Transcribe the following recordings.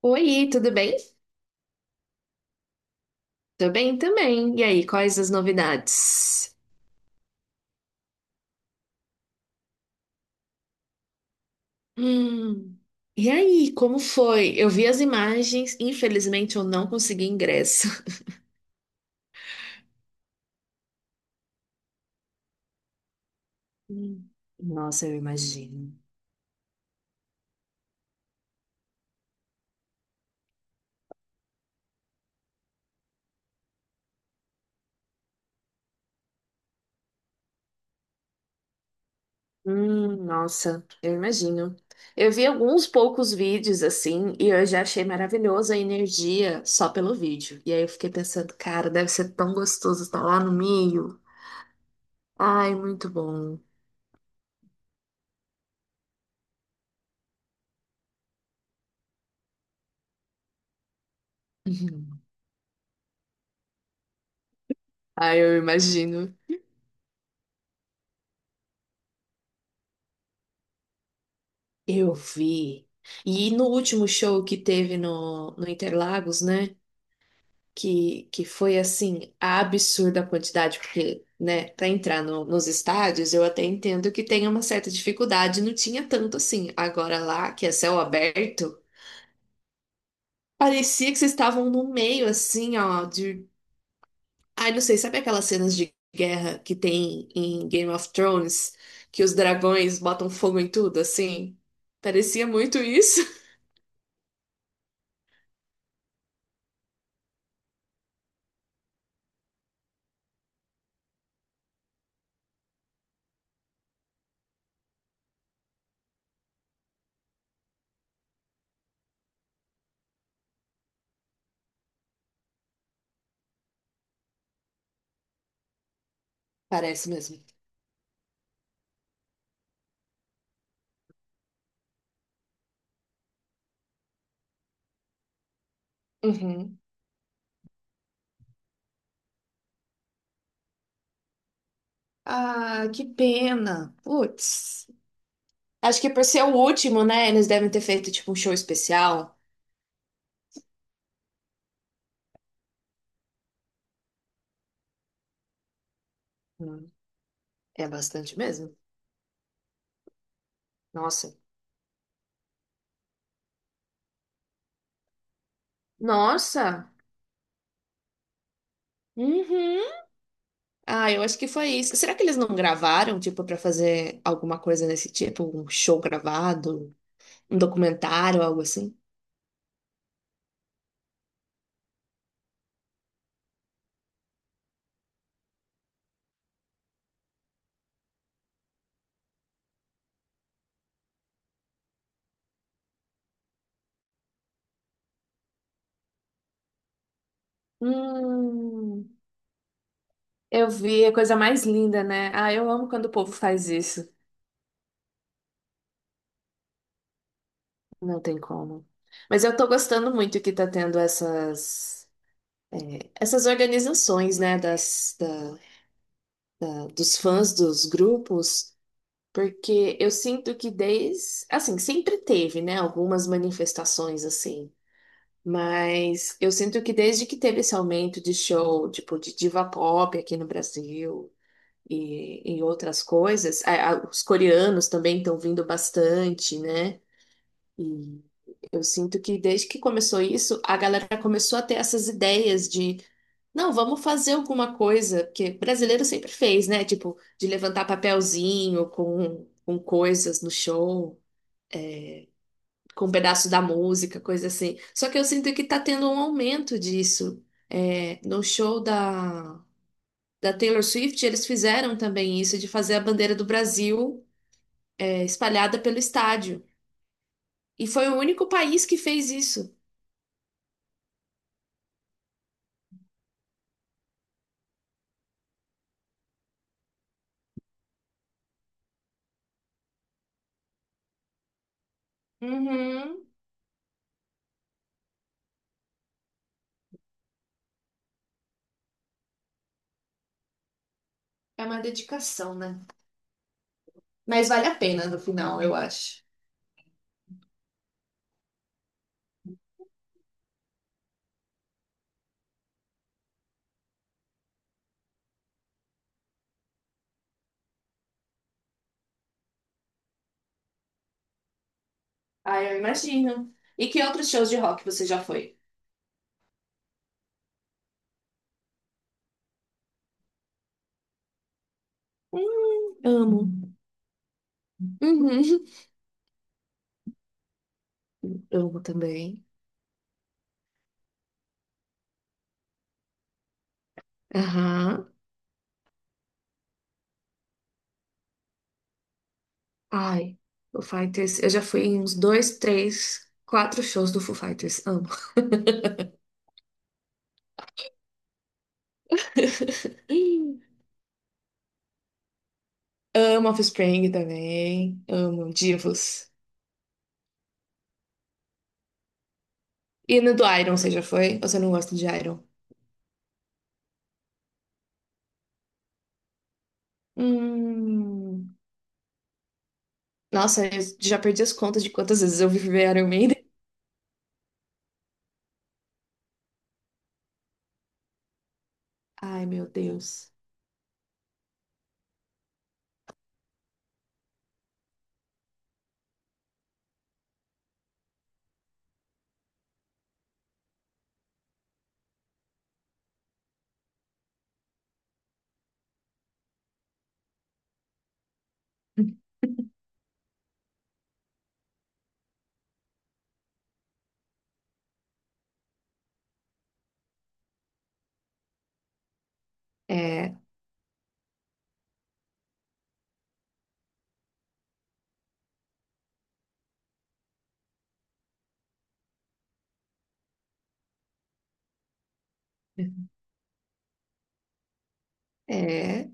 Oi, tudo bem? Tô bem também. E aí, quais as novidades? Hum. E aí, como foi? Eu vi as imagens, infelizmente eu não consegui ingresso. Hum. Nossa, eu imagino. Nossa, eu imagino. Eu vi alguns poucos vídeos assim e eu já achei maravilhosa a energia só pelo vídeo. E aí eu fiquei pensando, cara, deve ser tão gostoso estar lá no meio. Ai, muito bom. Ai, eu imagino. Eu vi. E no último show que teve no Interlagos, né? Que foi assim, absurda a quantidade, porque, né, para entrar nos estádios, eu até entendo que tem uma certa dificuldade, não tinha tanto assim. Agora lá, que é céu aberto, parecia que vocês estavam no meio, assim, ó, de. Ai, não sei, sabe aquelas cenas de guerra que tem em Game of Thrones, que os dragões botam fogo em tudo, assim? Parecia muito isso. Parece mesmo. Uhum. Ah, que pena. Putz. Acho que por ser o último, né? Eles devem ter feito tipo um show especial. Hum, É bastante mesmo. Nossa. Nossa. Uhum. Ah, eu acho que foi isso. Será que eles não gravaram, tipo, pra fazer alguma coisa desse tipo? Um show gravado? Um documentário, algo assim? Hum, eu vi, é a coisa mais linda, né? Ah, eu amo quando o povo faz isso. Não tem como. Mas eu tô gostando muito que tá tendo essas organizações, né, dos fãs dos grupos, porque eu sinto que desde, assim, sempre teve, né, algumas manifestações assim, mas eu sinto que desde que teve esse aumento de show, tipo, de diva pop aqui no Brasil e outras coisas, os coreanos também estão vindo bastante, né, e eu sinto que desde que começou isso, a galera começou a ter essas ideias de não, vamos fazer alguma coisa, porque brasileiro sempre fez, né? Tipo, de levantar papelzinho com coisas no show, com um pedaço da música, coisa assim. Só que eu sinto que tá tendo um aumento disso. É, no show da Taylor Swift, eles fizeram também isso, de fazer a bandeira do Brasil, é, espalhada pelo estádio. E foi o único país que fez isso. Uhum. É uma dedicação, né? Mas vale a pena no final, eu acho. Ah, eu imagino. E que outros shows de rock você já foi? Amo. Uhum. Amo também. Aham. Ai, Foo Fighters. Eu já fui em uns dois, três, quatro shows do Foo Fighters. Amo. Amo Offspring também. Amo Divos. E no do Iron, você já foi? Ou você não gosta de Iron? Hum. Nossa, eu já perdi as contas de quantas vezes eu vi ver Iron Maiden. Ai, meu Deus. É, é.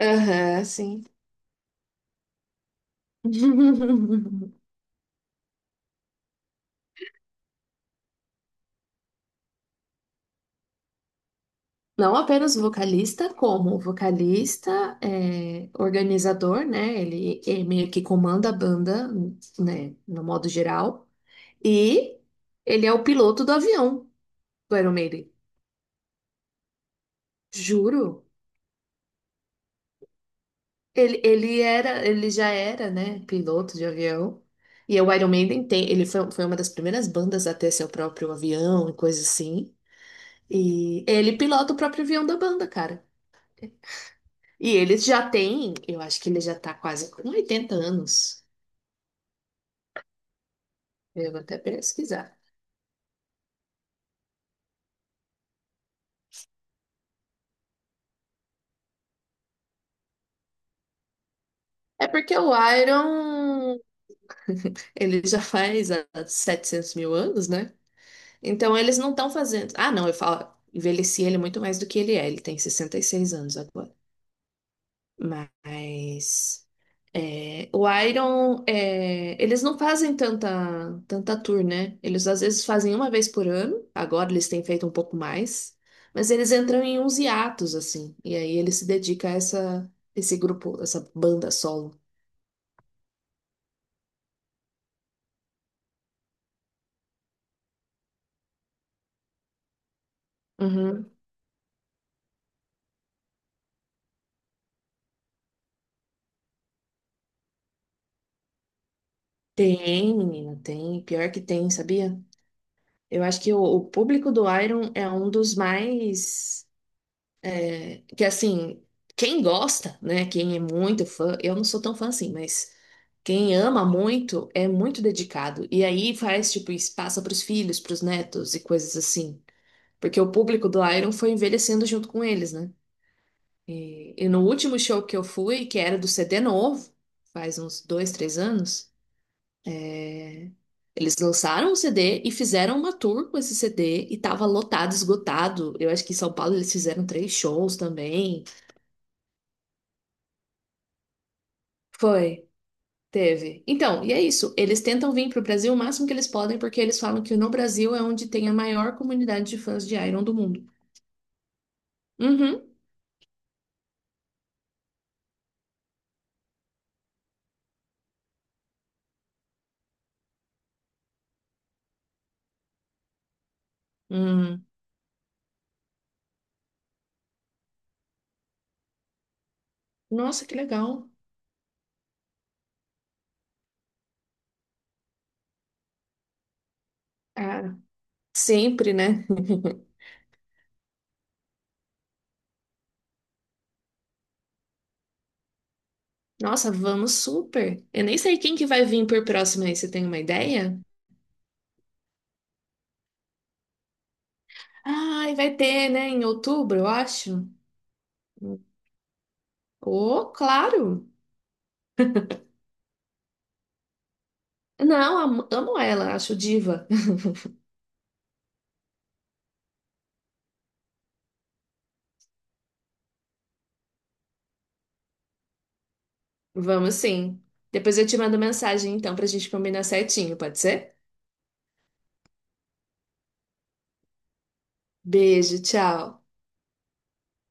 Aham, sim. Não apenas vocalista, como vocalista, é, organizador, né? Ele é meio que comanda a banda, né? No modo geral. E ele é o piloto do avião do Iron Maiden. Juro. Ele já era, né, piloto de avião. E o Iron Maiden tem, ele foi, uma das primeiras bandas a ter seu próprio avião e coisa assim. E ele pilota o próprio avião da banda, cara. E ele já tem, eu acho que ele já tá quase com 80 anos. Eu vou até pesquisar. É porque o Iron, ele já faz há 700 mil anos, né? Então eles não estão fazendo. Ah, não, eu falo, envelheci ele muito mais do que ele é. Ele tem 66 anos agora. Mas é, o Iron, é, eles não fazem tanta, tanta tour, né? Eles às vezes fazem uma vez por ano, agora eles têm feito um pouco mais, mas eles entram em uns hiatos, assim, e aí ele se dedica a essa, esse grupo, essa banda solo. Uhum. Tem, menina, tem. Pior que tem, sabia? Eu acho que o público do Iron é um dos mais. É, que assim, quem gosta, né? Quem é muito fã, eu não sou tão fã assim, mas. Quem ama muito é muito dedicado. E aí faz, tipo, isso passa pros filhos, pros netos e coisas assim. Porque o público do Iron foi envelhecendo junto com eles, né? E no último show que eu fui, que era do CD novo, faz uns dois, três anos, né? Eles lançaram o CD e fizeram uma tour com esse CD e tava lotado, esgotado. Eu acho que em São Paulo eles fizeram três shows também. Foi. Teve. Então, e é isso. Eles tentam vir para o Brasil o máximo que eles podem, porque eles falam que no Brasil é onde tem a maior comunidade de fãs de Iron do mundo. Uhum. Hum. Nossa, que legal. Ah, sempre, né? Nossa, vamos super. Eu nem sei quem que vai vir por próximo aí, você tem uma ideia? Ai, vai ter, né? Em outubro, eu acho. Oh, claro. Não, amo, amo ela, acho diva. Vamos sim. Depois eu te mando mensagem, então, pra gente combinar certinho, pode ser? Beijo, tchau.